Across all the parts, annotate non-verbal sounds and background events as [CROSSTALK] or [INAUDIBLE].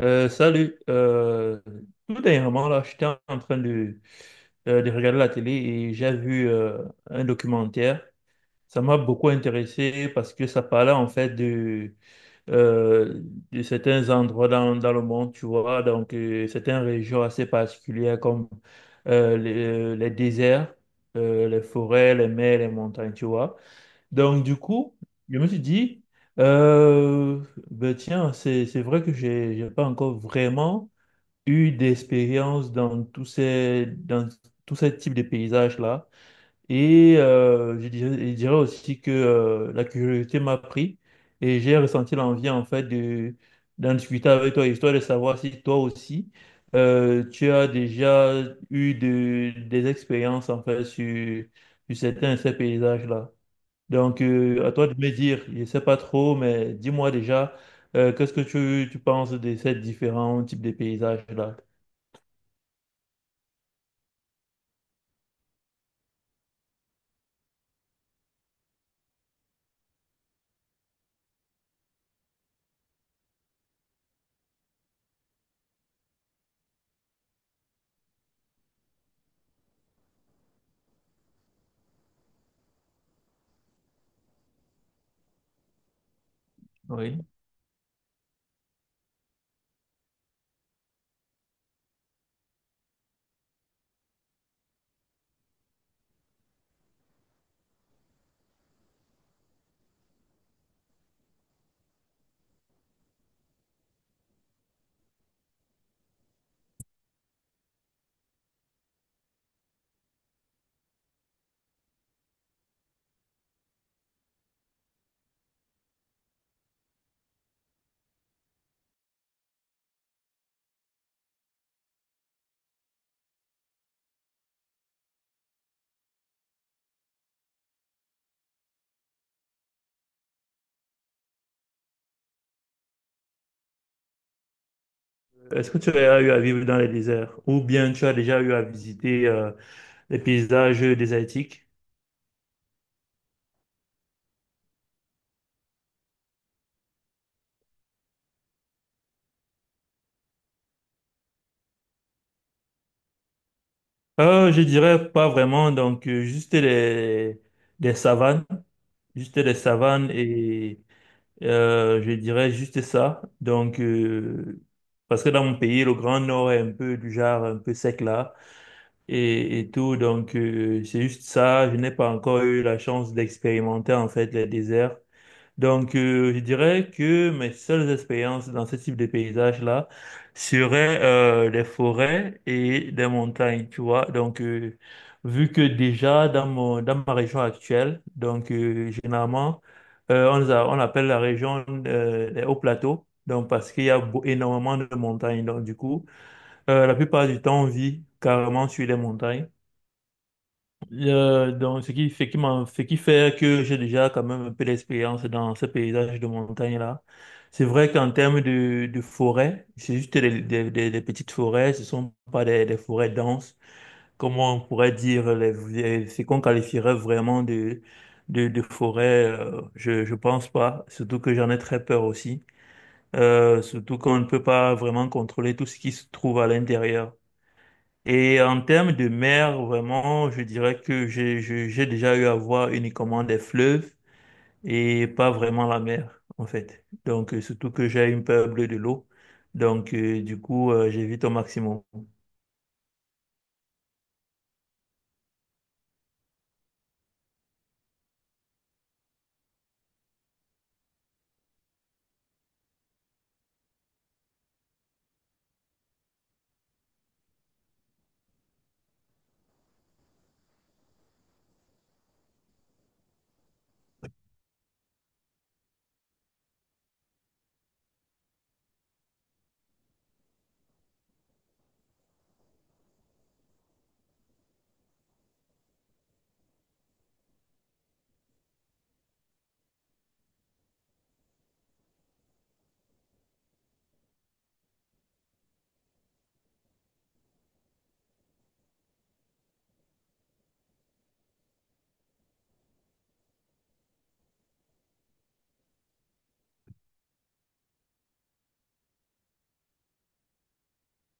Salut. Tout dernièrement, là, j'étais en train de regarder la télé et j'ai vu un documentaire. Ça m'a beaucoup intéressé parce que ça parlait en fait de, euh, de certains endroits dans le monde, tu vois, donc certaines régions assez particulières comme les déserts, les forêts, les mers, les montagnes, tu vois. Donc, du coup, je me suis dit, euh, ben tiens, c'est vrai que j'ai pas encore vraiment eu d'expérience dans dans tous ces types de paysages-là. Et je dirais aussi que la curiosité m'a pris et j'ai ressenti l'envie, en fait, d'en discuter avec toi, histoire de savoir si toi aussi, tu as déjà eu des expériences, en fait, sur certains de ces paysages-là. Donc, à toi de me dire, je ne sais pas trop, mais dis-moi déjà, qu'est-ce que tu penses de ces différents types de paysages-là? Oui. Est-ce que tu as eu à vivre dans les déserts ou bien tu as déjà eu à visiter les paysages désertiques? Je dirais pas vraiment, donc juste les savanes, juste les savanes et je dirais juste ça. Donc, parce que dans mon pays, le Grand Nord est un peu du genre un peu sec là. Et et, tout. Donc, c'est juste ça. Je n'ai pas encore eu la chance d'expérimenter en fait les déserts. Donc, je dirais que mes seules expériences dans ce type de paysage-là seraient les forêts et des montagnes, tu vois. Donc, vu que déjà dans dans ma région actuelle, donc généralement, on, on appelle la région des hauts plateaux. Donc, parce qu'il y a énormément de montagnes. Donc, du coup, la plupart du temps, on vit carrément sur les montagnes. Donc, ce qui fait que j'ai déjà quand même un peu d'expérience dans ce paysage de montagne-là. C'est vrai qu'en termes de forêt, c'est juste des petites forêts, ce sont pas des forêts denses, comme on pourrait dire, ce qu'on qualifierait vraiment de forêt, je pense pas, surtout que j'en ai très peur aussi. Surtout qu'on ne peut pas vraiment contrôler tout ce qui se trouve à l'intérieur. Et en termes de mer, vraiment, je dirais que j'ai déjà eu à voir uniquement des fleuves et pas vraiment la mer, en fait. Donc, surtout que j'ai une peur bleue de l'eau. Donc, du coup, j'évite au maximum.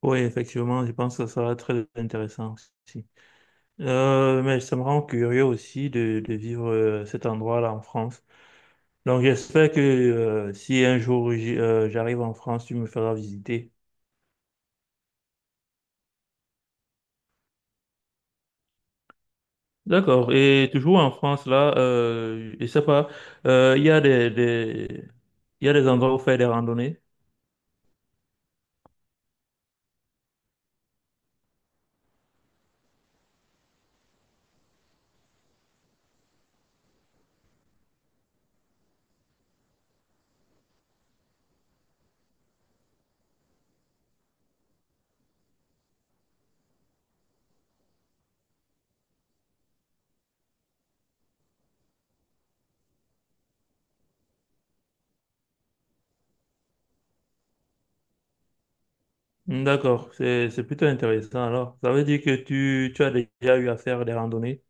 Oui, effectivement, je pense que ça sera très intéressant aussi. Mais ça me rend curieux aussi de vivre cet endroit-là en France. Donc, j'espère que si un jour j'arrive en France, tu me feras visiter. D'accord. Et toujours en France, là, je sais pas, euh, il y a des, des, il y a des endroits où faire des randonnées. Hmm, d'accord. C'est plutôt intéressant. Alors, ça veut dire que tu as déjà eu à faire des randonnées.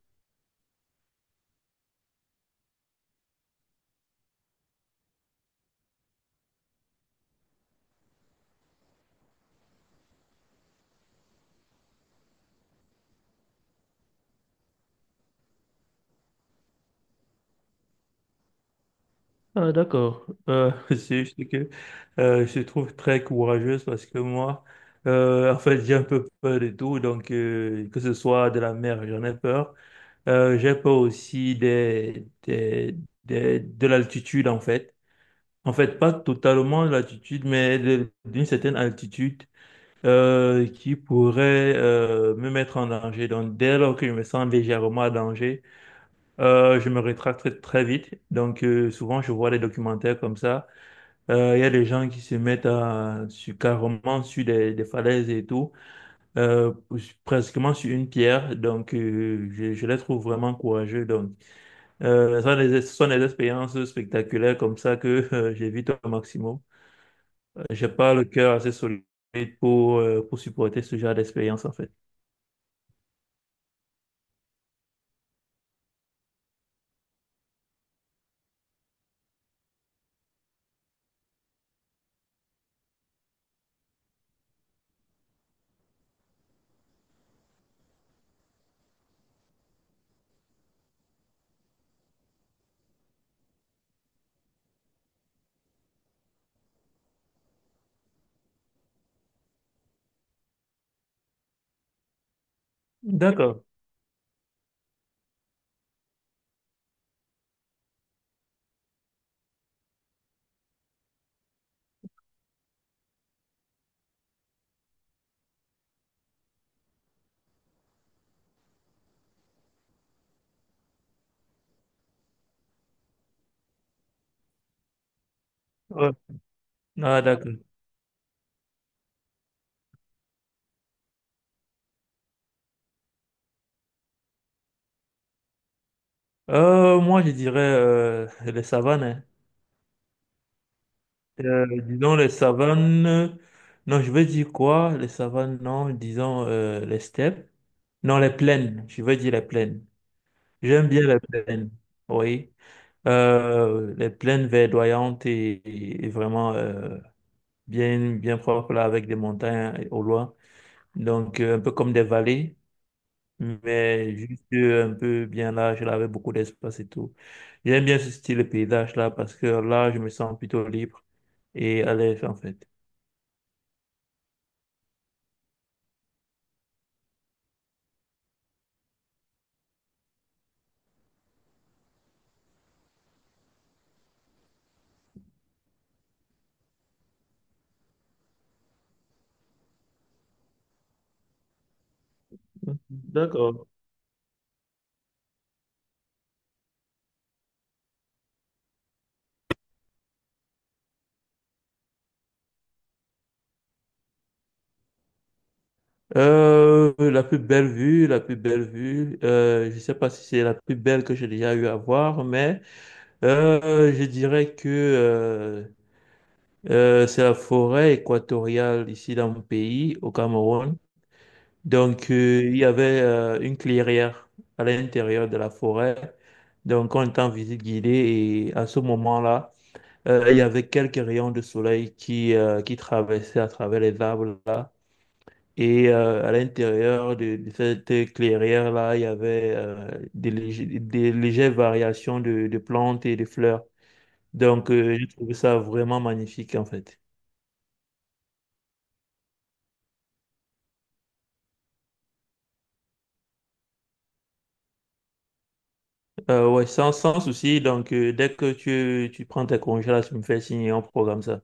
Ah, d'accord. [LAUGHS] C'est juste que je te trouve très courageuse parce que moi, en fait, j'ai un peu peur de tout. Donc, que ce soit de la mer, j'en ai peur. J'ai peur aussi de l'altitude, en fait. En fait, pas totalement l'altitude, mais d'une certaine altitude qui pourrait me mettre en danger. Donc, dès lors que je me sens légèrement en danger, je me rétracte très vite. Donc, souvent, je vois des documentaires comme ça. Il y a des gens qui se mettent carrément sur des falaises et tout, euh, presquement sur une pierre. Donc, je les trouve vraiment courageux. Donc, ce sont des expériences spectaculaires comme ça que [LAUGHS] j'évite au maximum. J'ai pas le cœur assez solide pour supporter ce genre d'expérience, en fait. D'accord. Ouais. Ah, d'accord. Moi, je dirais les savanes, hein. Disons les savanes, non, je veux dire quoi? Les savanes, non. Disons les steppes. Non, les plaines. Je veux dire les plaines. J'aime bien les plaines. Oui. Les plaines verdoyantes et vraiment bien, bien propres là, avec des montagnes au loin. Donc, un peu comme des vallées. Mais juste un peu bien large, là, avec beaucoup d'espace et tout. J'aime bien ce style de paysage là parce que là, je me sens plutôt libre et à l'aise en fait. D'accord. La plus belle vue, la plus belle vue, je sais pas si c'est la plus belle que j'ai déjà eu à voir, mais je dirais que c'est la forêt équatoriale ici dans mon pays, au Cameroun. Donc, il y avait une clairière à l'intérieur de la forêt. Donc, on était en visite guidée et à ce moment-là, il y avait quelques rayons de soleil qui traversaient à travers les arbres là. Et à l'intérieur de cette clairière-là, il y avait des légères variations de plantes et de fleurs. Donc, j'ai trouvé ça vraiment magnifique en fait. Ouais, sans souci. Donc, dès que tu prends tes congés là, tu me fais signer, on programme ça.